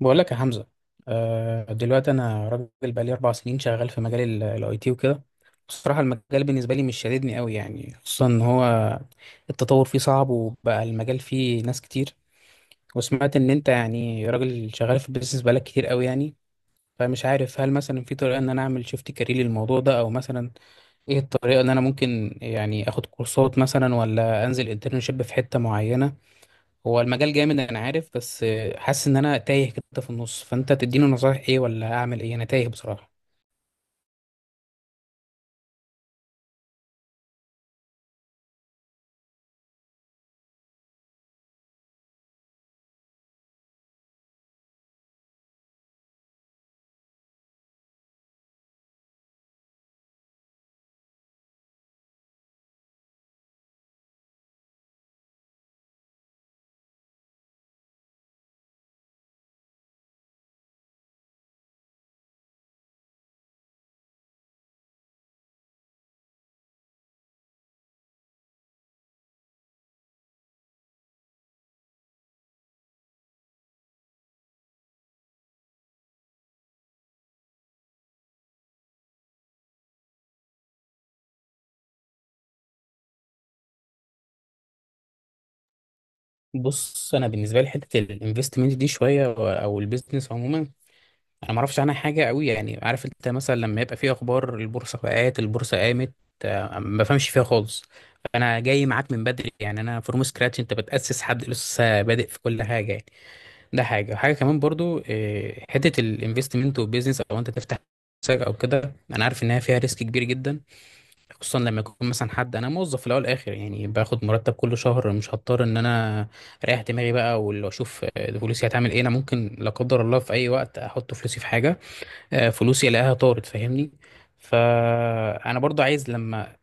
بقول لك يا حمزة. دلوقتي أنا راجل بقالي 4 سنين شغال في مجال الأي تي وكده. بصراحة المجال بالنسبة لي مش شاددني أوي يعني، خصوصا إن هو التطور فيه صعب وبقى المجال فيه ناس كتير. وسمعت إن أنت يعني راجل شغال في البيزنس بقالك كتير أوي يعني. فمش عارف هل مثلا في طريقة إن أنا أعمل شيفت كارير للموضوع ده، أو مثلا إيه الطريقة إن أنا ممكن يعني آخد كورسات مثلا ولا أنزل انترنشيب في حتة معينة. هو المجال جامد انا عارف، بس حاسس ان انا تايه كده في النص. فانت تديني نصايح ايه ولا اعمل ايه؟ انا تايه بصراحه. بص، انا بالنسبه لي حته الانفستمنت دي شويه او البيزنس عموما، انا ما اعرفش عنها حاجه قوي يعني. عارف انت مثلا لما يبقى في اخبار البورصه وقعت البورصه قامت، ما بفهمش فيها خالص. انا جاي معاك من بدري يعني، انا فروم سكراتش، انت بتاسس حد لسه بادئ في كل حاجه يعني. ده حاجه حاجه كمان برضو، حته الانفستمنت والبيزنس او انت تفتح شركة او كده. انا عارف انها فيها ريسك كبير جدا، خصوصا لما يكون مثلا حد، انا موظف في الاول والاخر يعني باخد مرتب كل شهر، مش هضطر ان انا اريح دماغي بقى واللي اشوف فلوسي هتعمل ايه. انا ممكن لا قدر الله في اي وقت احط فلوسي في حاجه فلوسي الاقيها طارت، فاهمني. فانا برضو عايز لما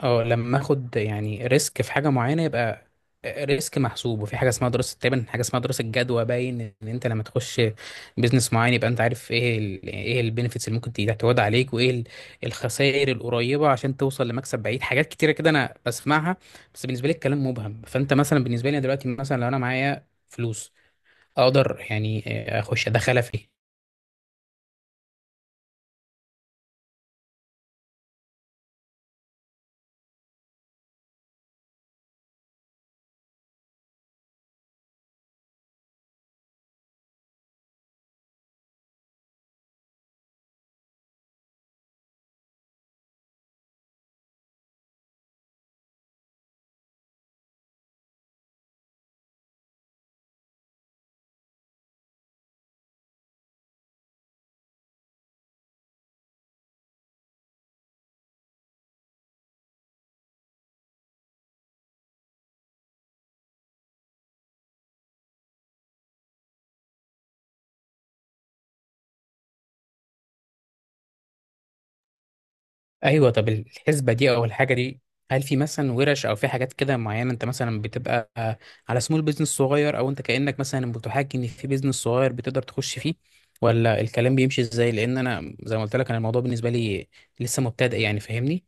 اه لما اخد يعني ريسك في حاجه معينه، يبقى ريسك محسوب. وفي حاجه اسمها دراسه تقريبا، حاجه اسمها دراسه جدوى. باين ان انت لما تخش بيزنس معين يبقى انت عارف ايه ايه البينفيتس اللي ممكن تعود عليك، وايه الخسائر القريبه عشان توصل لمكسب بعيد. حاجات كتيره كده انا بسمعها، بس بالنسبه لي الكلام مبهم. فانت مثلا بالنسبه لي دلوقتي مثلا لو انا معايا فلوس، اقدر يعني اخش ادخلها في إيه؟ ايوه، طب الحسبه دي او الحاجه دي، هل في مثلا ورش او في حاجات كده معينه انت مثلا بتبقى على سمول بيزنس صغير، او انت كانك مثلا بتحاكي ان في بيزنس صغير بتقدر تخش فيه؟ ولا الكلام بيمشي ازاي؟ لان انا زي ما قلت لك انا الموضوع بالنسبه لي لسه مبتدئ يعني، فاهمني.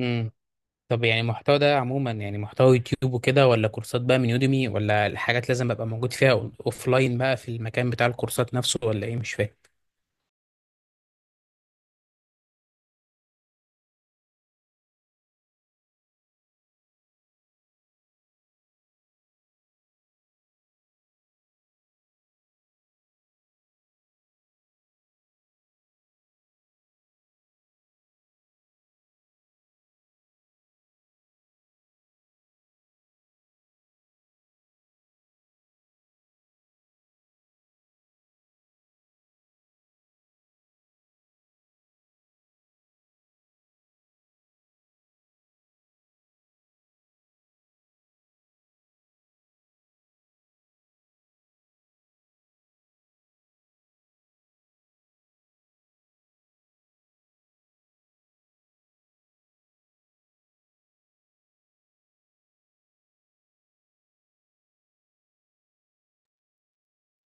امم. طب يعني المحتوى ده عموما يعني محتوى يوتيوب وكده، ولا كورسات بقى من يوديمي، ولا الحاجات لازم ابقى موجود فيها لاين بقى في المكان بتاع الكورسات نفسه، ولا ايه؟ مش فاهم.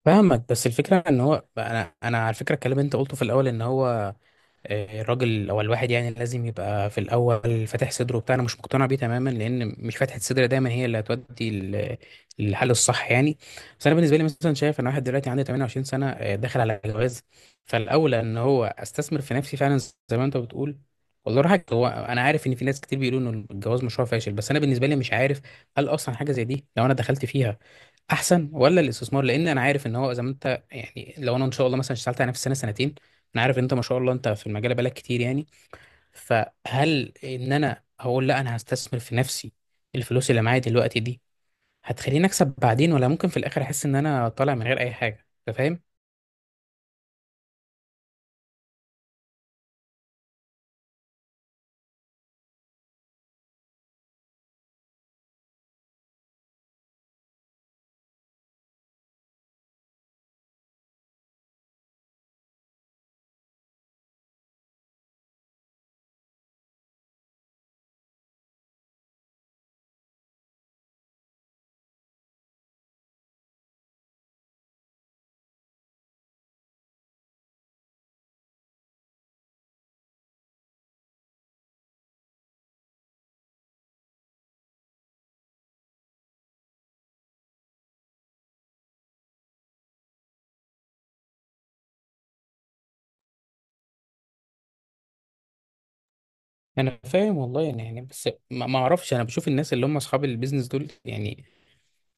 فاهمك. بس الفكره ان هو انا على فكره، الكلام اللي انت قلته في الاول ان هو الراجل او الواحد يعني لازم يبقى في الاول فاتح صدره وبتاع، انا مش مقتنع بيه تماما، لان مش فاتحه الصدر دايما هي اللي هتودي للحل الصح يعني. بس انا بالنسبه لي مثلا شايف، انا واحد دلوقتي عندي 28 سنه، داخل على جواز. فالاولى ان هو استثمر في نفسي فعلا، زي ما انت بتقول. والله راحك. هو انا عارف ان في ناس كتير بيقولوا ان الجواز مشروع فاشل، بس انا بالنسبه لي مش عارف هل اصلا حاجه زي دي لو انا دخلت فيها احسن ولا الاستثمار. لان انا عارف ان هو، زي ما انت يعني، لو انا ان شاء الله مثلا اشتغلت على نفسي سنه سنتين، انا عارف إن انت ما شاء الله انت في المجال بقالك كتير يعني. فهل ان انا هقول لا، انا هستثمر في نفسي؟ الفلوس اللي معايا دلوقتي دي هتخليني اكسب بعدين، ولا ممكن في الاخر احس ان انا طالع من غير اي حاجه؟ انت فاهم. انا فاهم والله يعني بس ما اعرفش. انا بشوف الناس اللي هم اصحاب البيزنس دول يعني،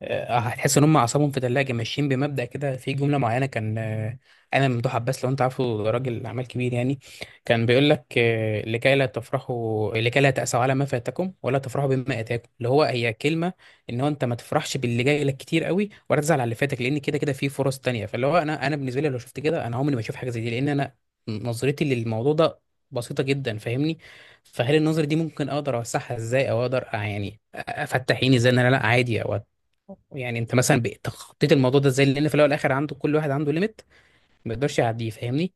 هتحس ان هم اعصابهم في ثلاجه ماشيين بمبدا كده. في جمله معينه كان انا، ممدوح عباس لو انت عارفه، ده راجل اعمال كبير يعني، كان بيقول لك لكي لا تفرحوا، لكي لا تأسوا على ما فاتكم ولا تفرحوا بما اتاكم. اللي هو هي كلمه ان هو انت ما تفرحش باللي جاي لك كتير قوي، ولا تزعل على اللي فاتك، لان كده كده في فرص تانية. فاللي هو انا بالنسبه لي لو شفت كده، انا عمري ما اشوف حاجه زي دي، لان انا نظرتي للموضوع ده بسيطه جدا، فاهمني. فهل النظرة دي ممكن اقدر اوسعها ازاي، او اقدر يعني افتح عيني ازاي ان انا لا عادي او؟ يعني انت مثلا بقيت تخطيت الموضوع ده ازاي؟ لان في الاول والاخر عنده، كل واحد عنده ليميت ما يقدرش يعديه، فاهمني.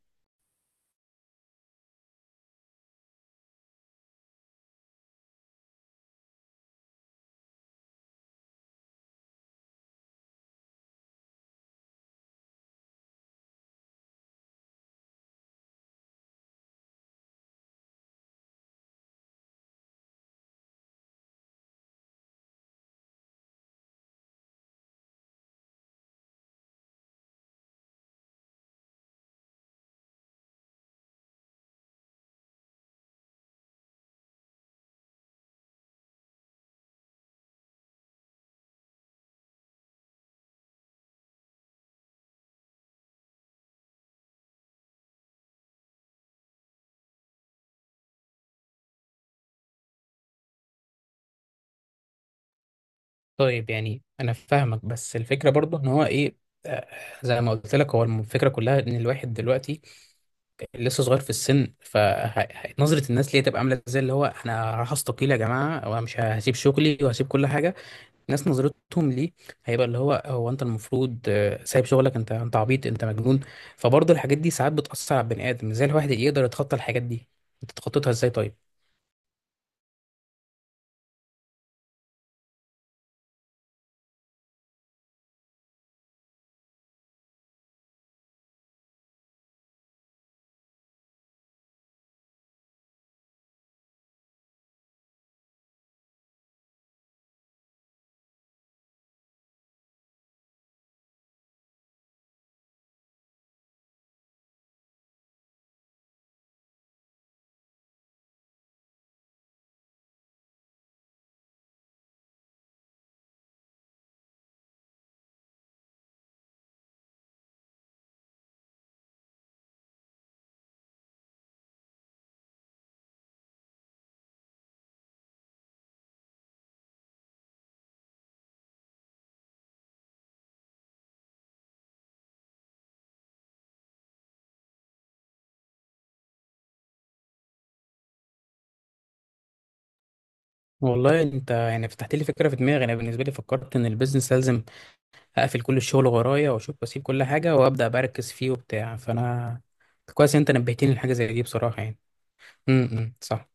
طيب يعني انا فاهمك. بس الفكره برضو ان هو ايه، آه، زي ما قلت لك، هو الفكره كلها ان الواحد دلوقتي لسه صغير في السن. فنظره الناس ليه تبقى عامله ازاي؟ اللي هو انا راح استقيل يا جماعه، وانا مش هسيب شغلي وهسيب كل حاجه. الناس نظرتهم ليه هيبقى اللي هو، هو انت المفروض سايب شغلك، انت عبيط، انت مجنون. فبرضه الحاجات دي ساعات بتاثر على البني ادم. ازاي الواحد يقدر يتخطى الحاجات دي؟ انت تخططها ازاي طيب؟ والله انت يعني فتحت لي فكره في دماغي. انا بالنسبه لي فكرت ان البيزنس لازم اقفل كل الشغل ورايا واشوف واسيب كل حاجه وابدا بركز فيه وبتاع. فانا كويس انت نبهتني لحاجه زي دي بصراحه يعني. امم، إمم، صح.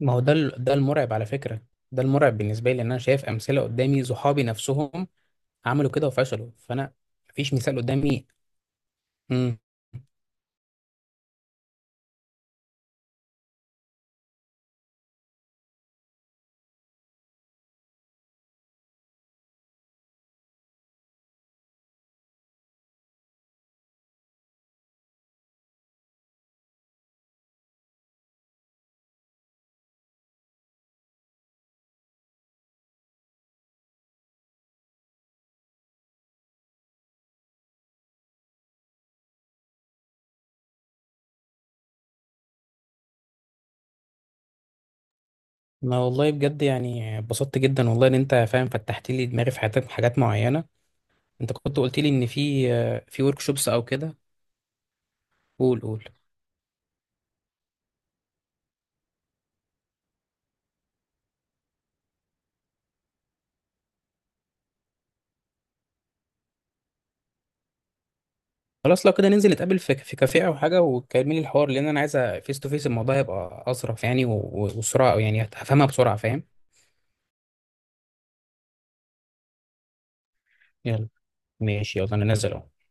ما هو ده ده المرعب على فكره. ده المرعب بالنسبه لي لان انا شايف امثله قدامي، صحابي نفسهم عملوا كده وفشلوا. فانا مفيش مثال قدامي. امم. ما والله بجد يعني اتبسطت جدا والله ان انت فاهم، فتحت لي دماغي في حاجات معينه. انت كنت قلت لي ان في في ورك شوبس او كده. قول قول. خلاص لو كده، ننزل نتقابل في كافيه او حاجه، وتكلمي لي الحوار، لان انا عايزه فيس تو فيس. الموضوع هيبقى اظرف يعني، و- و- وبسرعه، أو يعني هفهمها بسرعه، فاهم. يلا. ماشي يلا، انا نازل اهو.